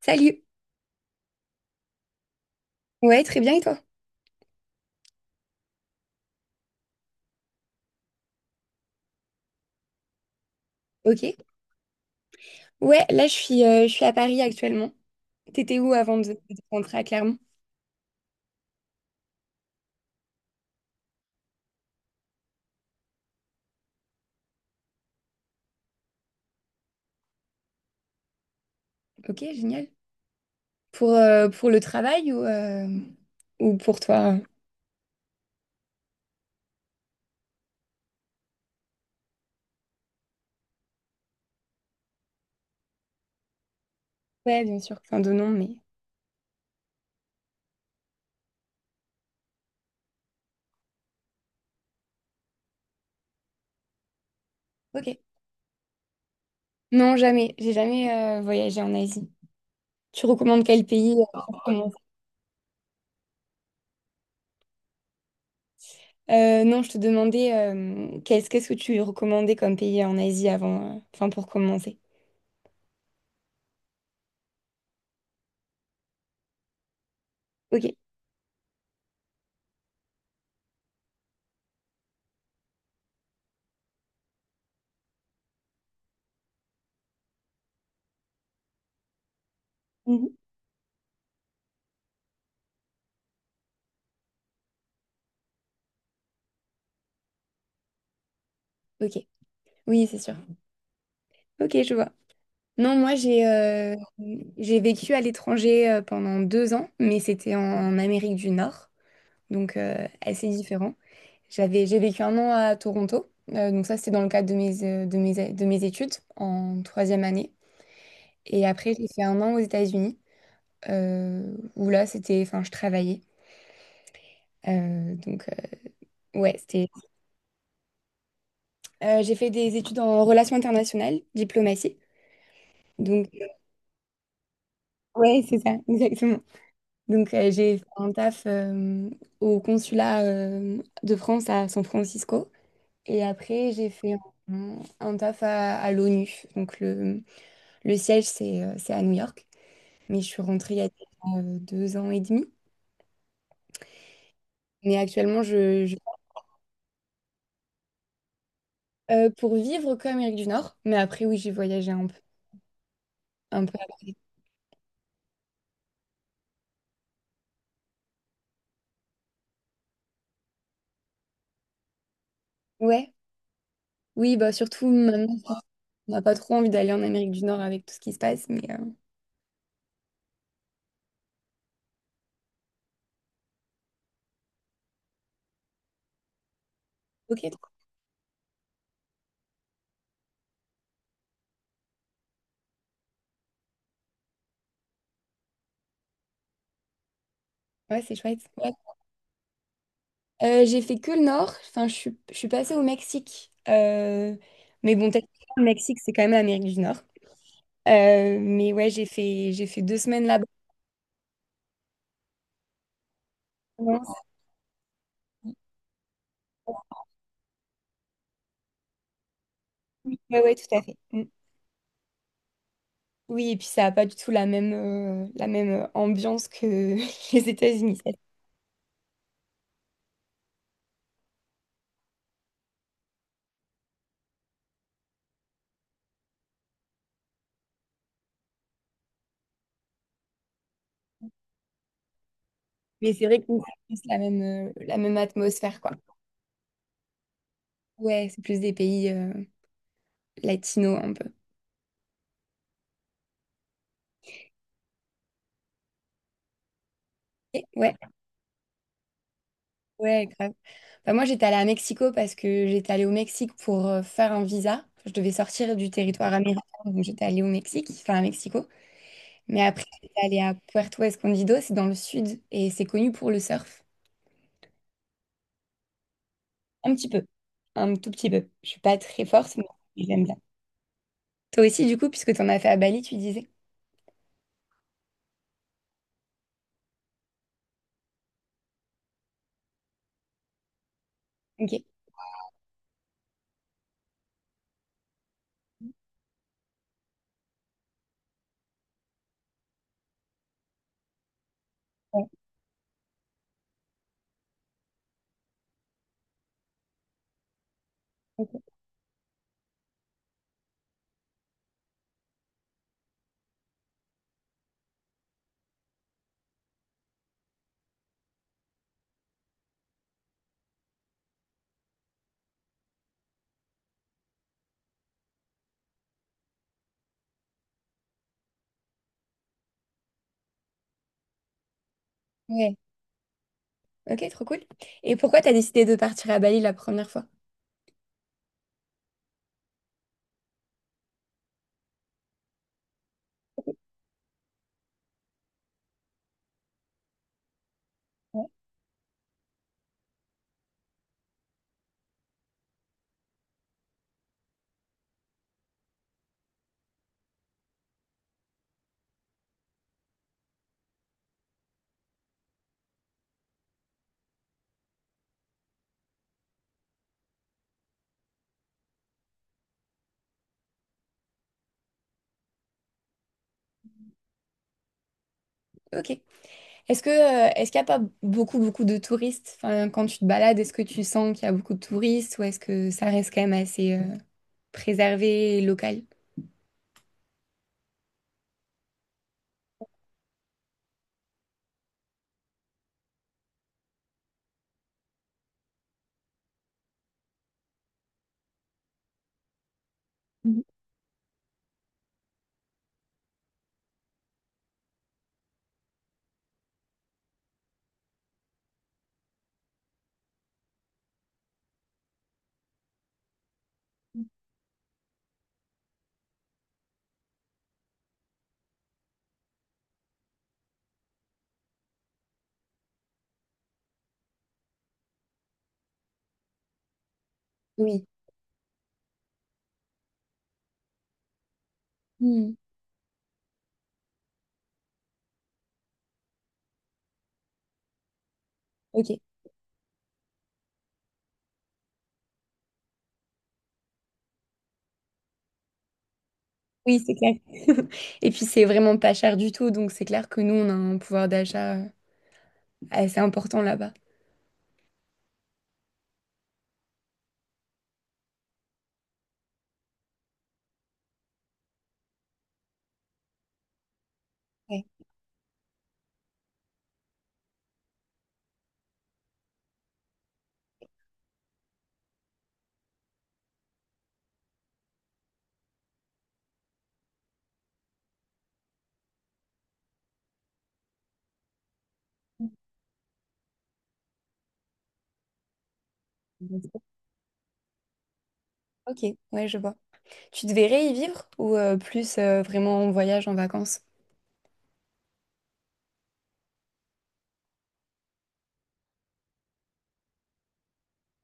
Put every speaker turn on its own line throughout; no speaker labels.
Salut. Ouais, très bien et toi? Ok. Ouais, là je suis à Paris actuellement. T'étais où avant de rentrer à Clermont? Ok, génial. Pour le travail ou, ou pour toi? Ouais, bien sûr. Enfin, de non, mais. Ok. Non, jamais. J'ai jamais voyagé en Asie. Tu recommandes quel pays pour commencer? Non, je te demandais qu'est-ce que tu recommandais comme pays en Asie avant, enfin pour commencer. Ok. Mhm. Ok. Oui, c'est sûr. Ok, je vois. Non, moi j'ai vécu à l'étranger pendant 2 ans, mais c'était en Amérique du Nord, donc assez différent. J'ai vécu un an à Toronto, donc ça c'était dans le cadre de mes études en troisième année. Et après j'ai fait un an aux États-Unis, où là c'était, enfin je travaillais. Donc ouais c'était. J'ai fait des études en relations internationales, diplomatie, donc ouais c'est ça exactement. Donc, j'ai fait un taf au consulat de France à San Francisco. Et après, j'ai fait un taf à l'ONU. Donc, le siège, c'est à New York. Mais je suis rentrée il y a 2 ans et demi. Mais actuellement, pour vivre comme Amérique du Nord. Mais après, oui, j'ai voyagé un peu après. Ouais. Oui, bah surtout maintenant, on n'a pas trop envie d'aller en Amérique du Nord avec tout ce qui se passe. Mais ok, ouais, c'est chouette. J'ai fait que le nord. Enfin, je suis passée au Mexique. Mais bon, techniquement, le Mexique, c'est quand même l'Amérique du Nord. Mais ouais, j'ai fait 2 semaines là-bas. Ouais, ouais, ouais, tout à fait. Mm. Oui, et puis ça n'a pas du tout la même ambiance que les États-Unis. Ça. Mais c'est vrai que oui, c'est la même atmosphère, quoi. Ouais, c'est plus des pays latinos un peu. Ouais, ouais, grave. Bah, moi, j'étais allée à Mexico parce que j'étais allée au Mexique pour faire un visa. Enfin, je devais sortir du territoire américain, donc j'étais allée au Mexique, enfin à Mexico. Mais après, j'étais allée à Puerto Escondido, c'est dans le sud, et c'est connu pour le surf. Un petit peu, un tout petit peu. Je suis pas très forte, mais j'aime bien. Toi aussi, du coup, puisque tu en as fait à Bali, tu disais. Ok. Ouais. Ok, trop cool. Et pourquoi tu as décidé de partir à Bali la première fois? Ok. Est-ce que, est-ce qu'il n'y a pas beaucoup, beaucoup de touristes? Enfin, quand tu te balades, est-ce que tu sens qu'il y a beaucoup de touristes ou est-ce que ça reste quand même assez préservé et local? Oui. Hmm, ok. Oui, c'est clair. Et puis, c'est vraiment pas cher du tout, donc c'est clair que nous, on a un pouvoir d'achat assez important là-bas. Ouais. Ok, ouais, je vois. Tu te verrais y vivre ou plus vraiment en voyage, en vacances?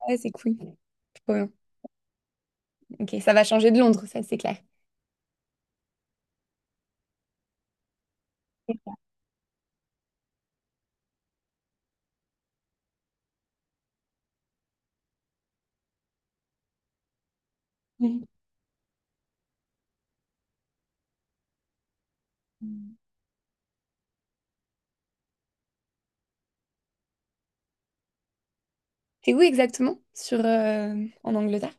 Ouais, c'est cool. Trop bien. Ok, ça va changer de Londres, ça, c'est clair. Mhm. T'es où exactement sur, en Angleterre?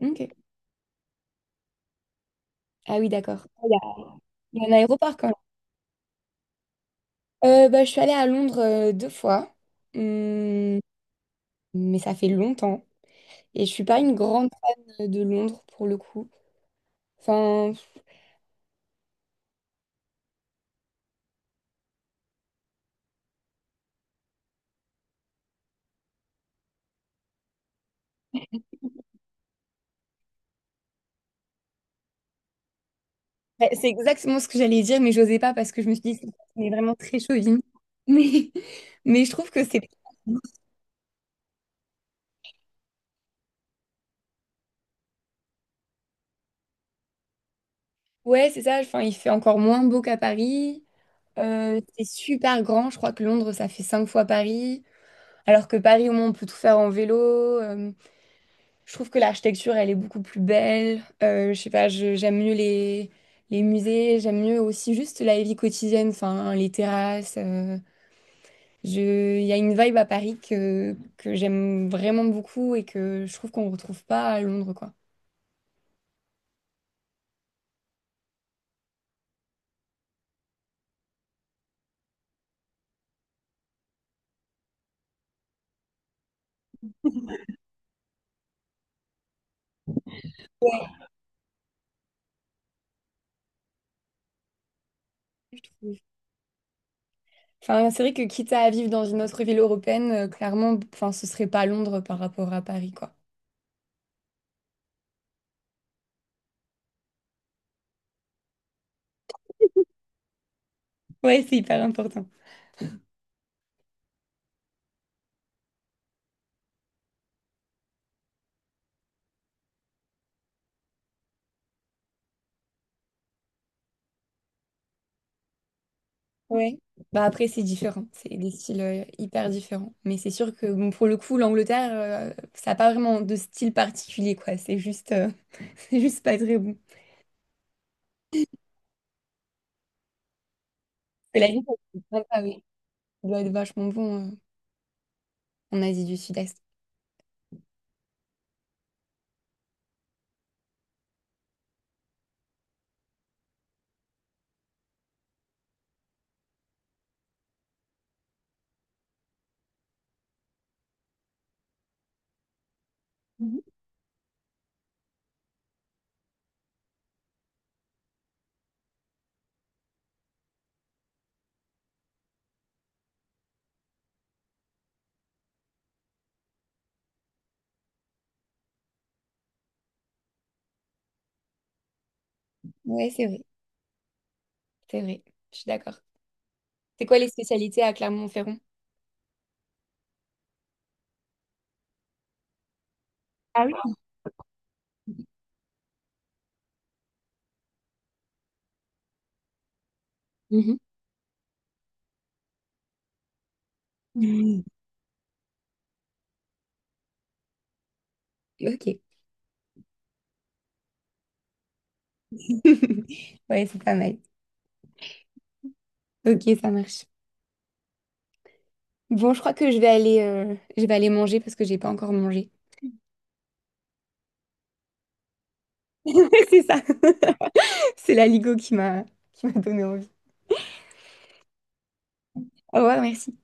Ok. Ah oui, d'accord. Il y a un aéroport quand même. Bah, je suis allée à Londres 2 fois, Hum, mais ça fait longtemps. Et je suis pas une grande fan de Londres pour le coup. Enfin, ouais, c'est exactement ce que j'allais dire, mais j'osais pas parce que je me suis dit, c'est on est vraiment très chauvin. Mais, mais je trouve que c'est... Ouais, c'est ça. Enfin, il fait encore moins beau qu'à Paris. C'est super grand. Je crois que Londres, ça fait 5 fois Paris. Alors que Paris, au moins, on peut tout faire en vélo. Euh, Je trouve que l'architecture, elle est beaucoup plus belle. Je sais pas, j'aime mieux les musées, j'aime mieux aussi juste la vie quotidienne, enfin, les terrasses. Il y a une vibe à Paris que j'aime vraiment beaucoup et que je trouve qu'on ne retrouve pas à Londres, quoi. Oui. Enfin, c'est vrai que quitte à vivre dans une autre ville européenne, clairement, enfin, ce serait pas Londres par rapport à Paris, quoi. Ouais, c'est hyper important. Ouais. Bah après, c'est différent. C'est des styles hyper différents. Mais c'est sûr que bon, pour le coup, l'Angleterre, ça n'a pas vraiment de style particulier, quoi. C'est juste, c'est juste pas très bon. Mais la vie, c'est sympa, oui. Ça doit être vachement bon en Asie du Sud-Est. Mhm. Ouais, c'est vrai, c'est vrai. Je suis d'accord. C'est quoi les spécialités à Clermont-Ferrand? Ah oui. Mhm. Mhm. Ok. Ouais, c'est pas mal. Ok, ça marche. Bon, je crois que je vais aller manger parce que j'ai pas encore mangé. C'est ça. C'est la Ligo qui m'a donné envie. Au revoir, merci.